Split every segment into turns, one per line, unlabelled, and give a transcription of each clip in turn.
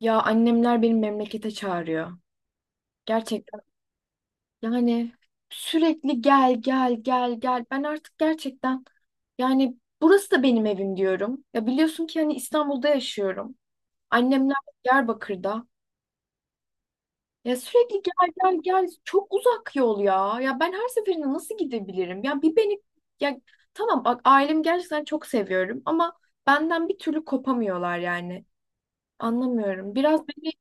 Ya annemler beni memlekete çağırıyor. Gerçekten yani sürekli gel gel gel gel. Ben artık gerçekten yani burası da benim evim diyorum. Ya biliyorsun ki hani İstanbul'da yaşıyorum. Annemler Diyarbakır'da. Ya sürekli gel gel gel çok uzak yol ya. Ya ben her seferinde nasıl gidebilirim? Ya bir beni ya Tamam, bak, ailemi gerçekten çok seviyorum ama benden bir türlü kopamıyorlar yani. Anlamıyorum.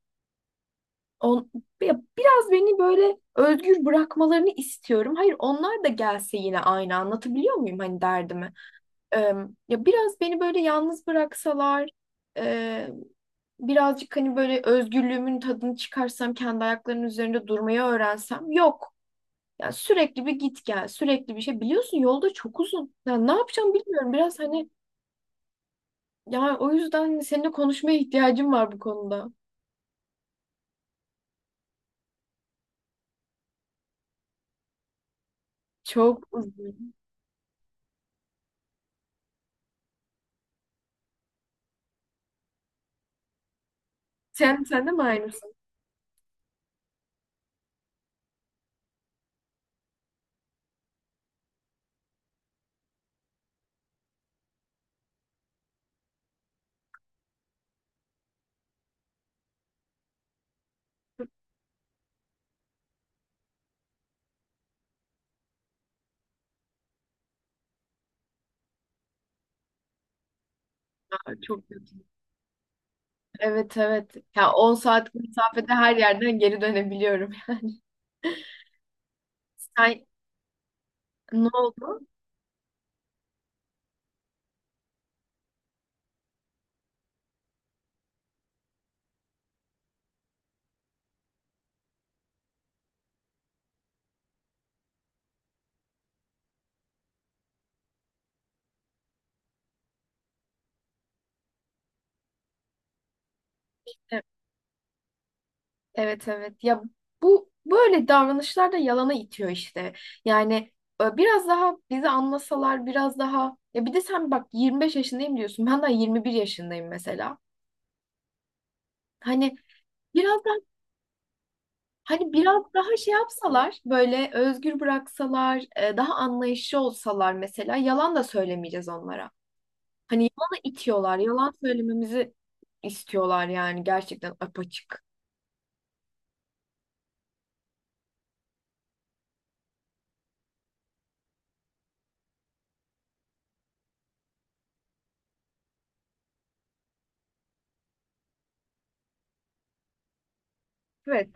On, Ya biraz beni böyle özgür bırakmalarını istiyorum. Hayır, onlar da gelse yine aynı, anlatabiliyor muyum hani derdimi? Ee, Ya biraz beni böyle yalnız bıraksalar, e, birazcık hani böyle özgürlüğümün tadını çıkarsam, kendi ayaklarının üzerinde durmayı öğrensem. Yok. Yani sürekli bir git gel, sürekli bir şey. Biliyorsun yolda çok uzun. Ya ne yapacağım bilmiyorum. Biraz hani Ya o yüzden seninle konuşmaya ihtiyacım var bu konuda. Çok uzun. Sen de mi aynısın? Aa, çok kötü. Evet evet. Ya 10 saatlik mesafede her yerden geri dönebiliyorum. Sen, ne oldu? E- Evet evet. Ya bu böyle davranışlar da yalana itiyor işte. Yani, biraz daha bizi anlasalar, biraz daha. Ya bir de sen bak, 25 yaşındayım diyorsun. Ben daha 21 yaşındayım mesela. Hani biraz daha hani biraz daha şey yapsalar, böyle özgür bıraksalar, daha anlayışlı olsalar, mesela yalan da söylemeyeceğiz onlara. Hani yalanı itiyorlar. Yalan söylememizi istiyorlar yani, gerçekten apaçık. Evet,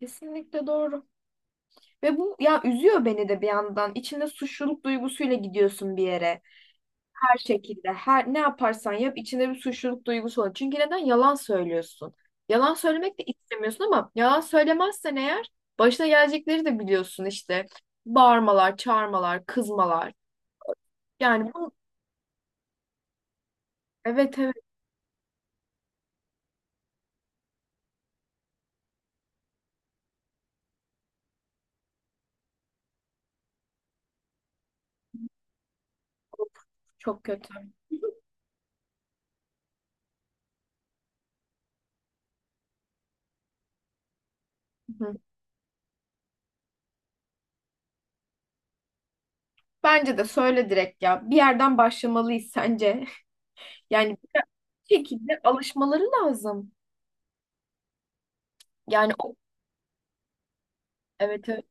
kesinlikle doğru. Ve bu ya, üzüyor beni de bir yandan. İçinde suçluluk duygusuyla gidiyorsun bir yere. Her şekilde, her ne yaparsan yap, içinde bir suçluluk duygusu olur. Çünkü neden yalan söylüyorsun? Yalan söylemek de istemiyorsun ama yalan söylemezsen eğer, başına gelecekleri de biliyorsun işte. Bağırmalar, çağırmalar, kızmalar. Yani bu, evet evet, çok kötü. Hı. Bence de söyle direkt ya. Bir yerden başlamalıyız sence. Yani bir şekilde alışmaları lazım. Yani o, evet evet,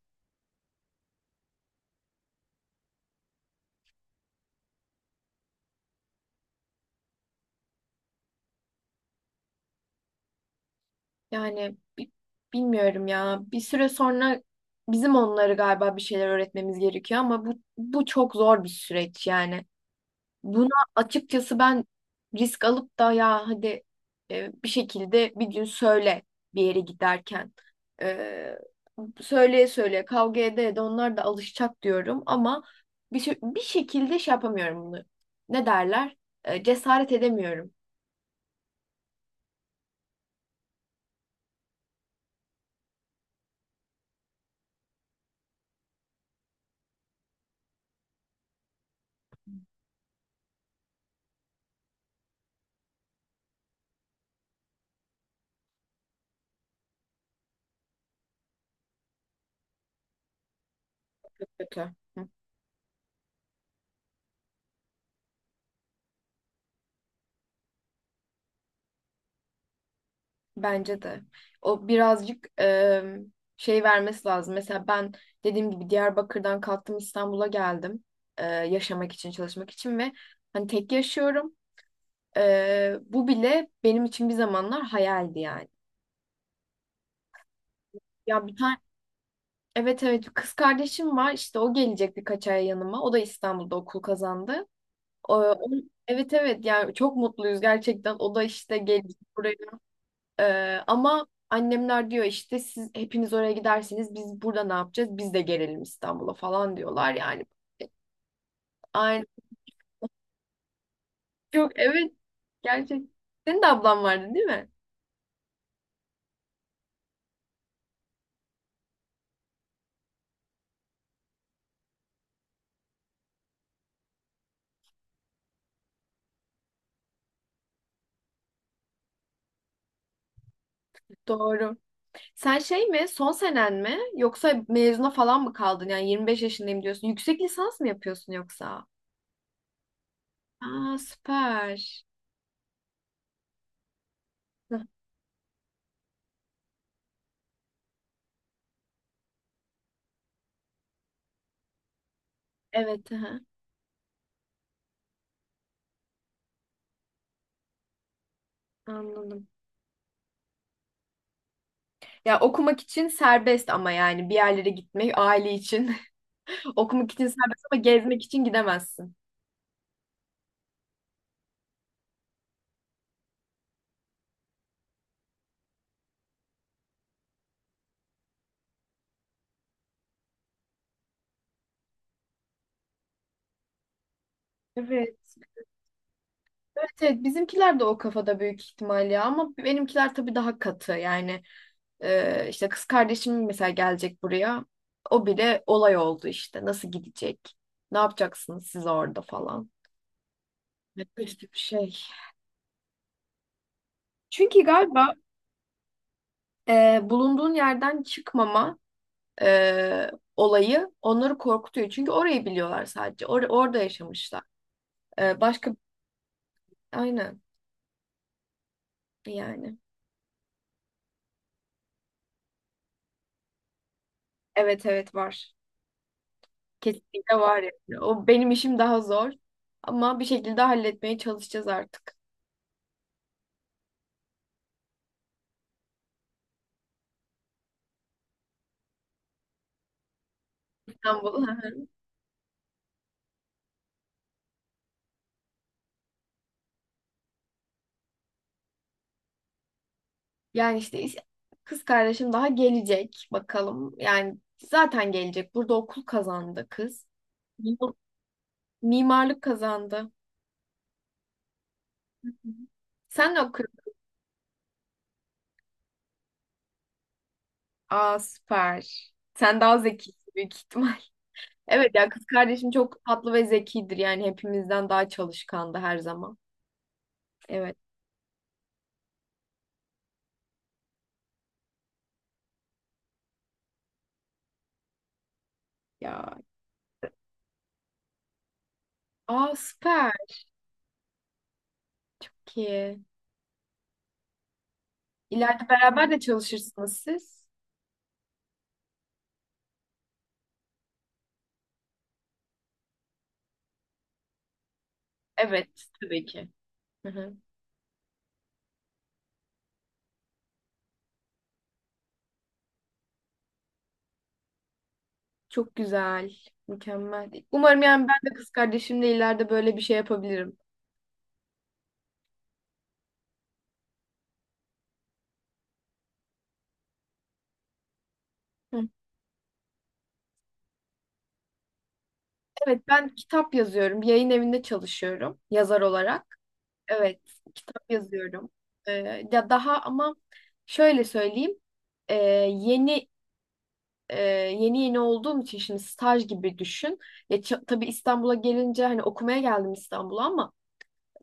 yani bilmiyorum ya. Bir süre sonra bizim onları galiba bir şeyler öğretmemiz gerekiyor ama bu çok zor bir süreç yani. Buna açıkçası ben risk alıp da, ya hadi, bir şekilde bir gün söyle, bir yere giderken. E, Söyleye söyleye, kavga ede ede onlar da alışacak diyorum ama bir şekilde şey yapamıyorum bunu. Ne derler? Cesaret edemiyorum. Kötü. Hı. Bence de. O birazcık şey vermesi lazım. Mesela ben dediğim gibi Diyarbakır'dan kalktım, İstanbul'a geldim. Yaşamak için, çalışmak için, ve hani tek yaşıyorum. Bu bile benim için bir zamanlar hayaldi yani. Ya bir tane Evet evet, bir kız kardeşim var işte, o gelecek birkaç ay yanıma. O da İstanbul'da okul kazandı. O, o- evet evet, yani çok mutluyuz gerçekten. O da işte gelecek buraya. Ama annemler diyor işte, siz hepiniz oraya giderseniz biz burada ne yapacağız? Biz de gelelim İstanbul'a falan diyorlar yani. Aynen. Yok, evet, gerçekten. Senin de ablan vardı değil mi? Doğru. Sen şey mi, son senen mi, yoksa mezuna falan mı kaldın? Yani 25 yaşındayım diyorsun. Yüksek lisans mı yapıyorsun yoksa? Aa, süper. Hı. Evet, aha, anladım. Ya okumak için serbest ama yani bir yerlere gitmek, aile için. Okumak için serbest ama gezmek için gidemezsin. Evet. Evet, evet, bizimkiler de o kafada büyük ihtimal ya, ama benimkiler tabii daha katı yani. İşte kız kardeşim mesela gelecek buraya, o bile olay oldu işte, nasıl gidecek, ne yapacaksınız siz orada falan. Evet, kötü bir şey. Çünkü galiba, bulunduğun yerden çıkmama e, olayı onları korkutuyor, çünkü orayı biliyorlar sadece, orada yaşamışlar. Başka, aynen yani, evet evet var. Kesinlikle var ya. O, benim işim daha zor. Ama bir şekilde halletmeye çalışacağız artık. İstanbul'u. Yani işte kız kardeşim daha gelecek bakalım. Yani zaten gelecek. Burada okul kazandı kız. Mimar- Mimarlık kazandı. Sen ne okuyorsun? Aa, süper. Sen daha zeki büyük ihtimal. Evet ya, kız kardeşim çok tatlı ve zekidir. Yani hepimizden daha çalışkandı her zaman. Evet ya. Aa, süper. Çok iyi. İleride beraber de çalışırsınız siz. Evet, tabii ki. Hı hı. Çok güzel, mükemmel. Umarım yani ben de kız kardeşimle ileride böyle bir şey yapabilirim. Hı. Evet, ben kitap yazıyorum. Bir yayın evinde çalışıyorum yazar olarak. Evet, kitap yazıyorum. Ee, Ya daha, ama şöyle söyleyeyim. Ee, yeni e, Yeni yeni olduğum için şimdi staj gibi düşün. Ya tabii, İstanbul'a gelince, hani okumaya geldim İstanbul'a ama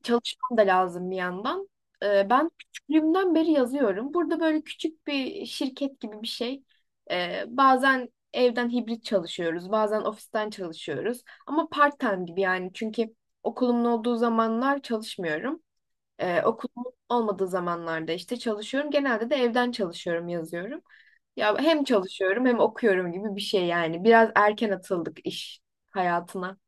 çalışmam da lazım bir yandan. Ben küçüklüğümden beri yazıyorum. Burada böyle küçük bir şirket gibi bir şey. Bazen evden hibrit çalışıyoruz, bazen ofisten çalışıyoruz. Ama part-time gibi yani, çünkü okulumun olduğu zamanlar çalışmıyorum. Okulumun olmadığı zamanlarda işte çalışıyorum. Genelde de evden çalışıyorum, yazıyorum. Ya hem çalışıyorum hem okuyorum gibi bir şey yani. Biraz erken atıldık iş hayatına.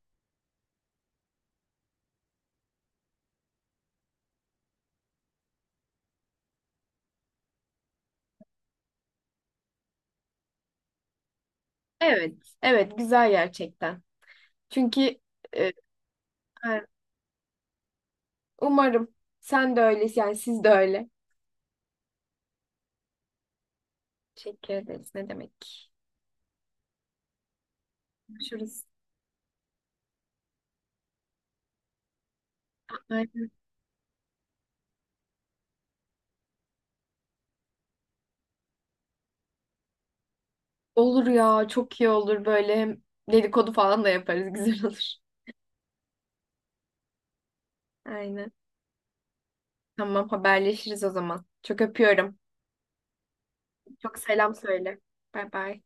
Evet, evet, güzel gerçekten. Çünkü e, evet. Umarım. Sen de öylesin yani, siz de öyle. Teşekkür ederiz. Ne demek? Görüşürüz. Aynen. Olur ya, çok iyi olur böyle, hem dedikodu falan da yaparız, güzel olur. Aynen. Tamam, haberleşiriz o zaman. Çok öpüyorum. Çok selam söyle. Bay bay.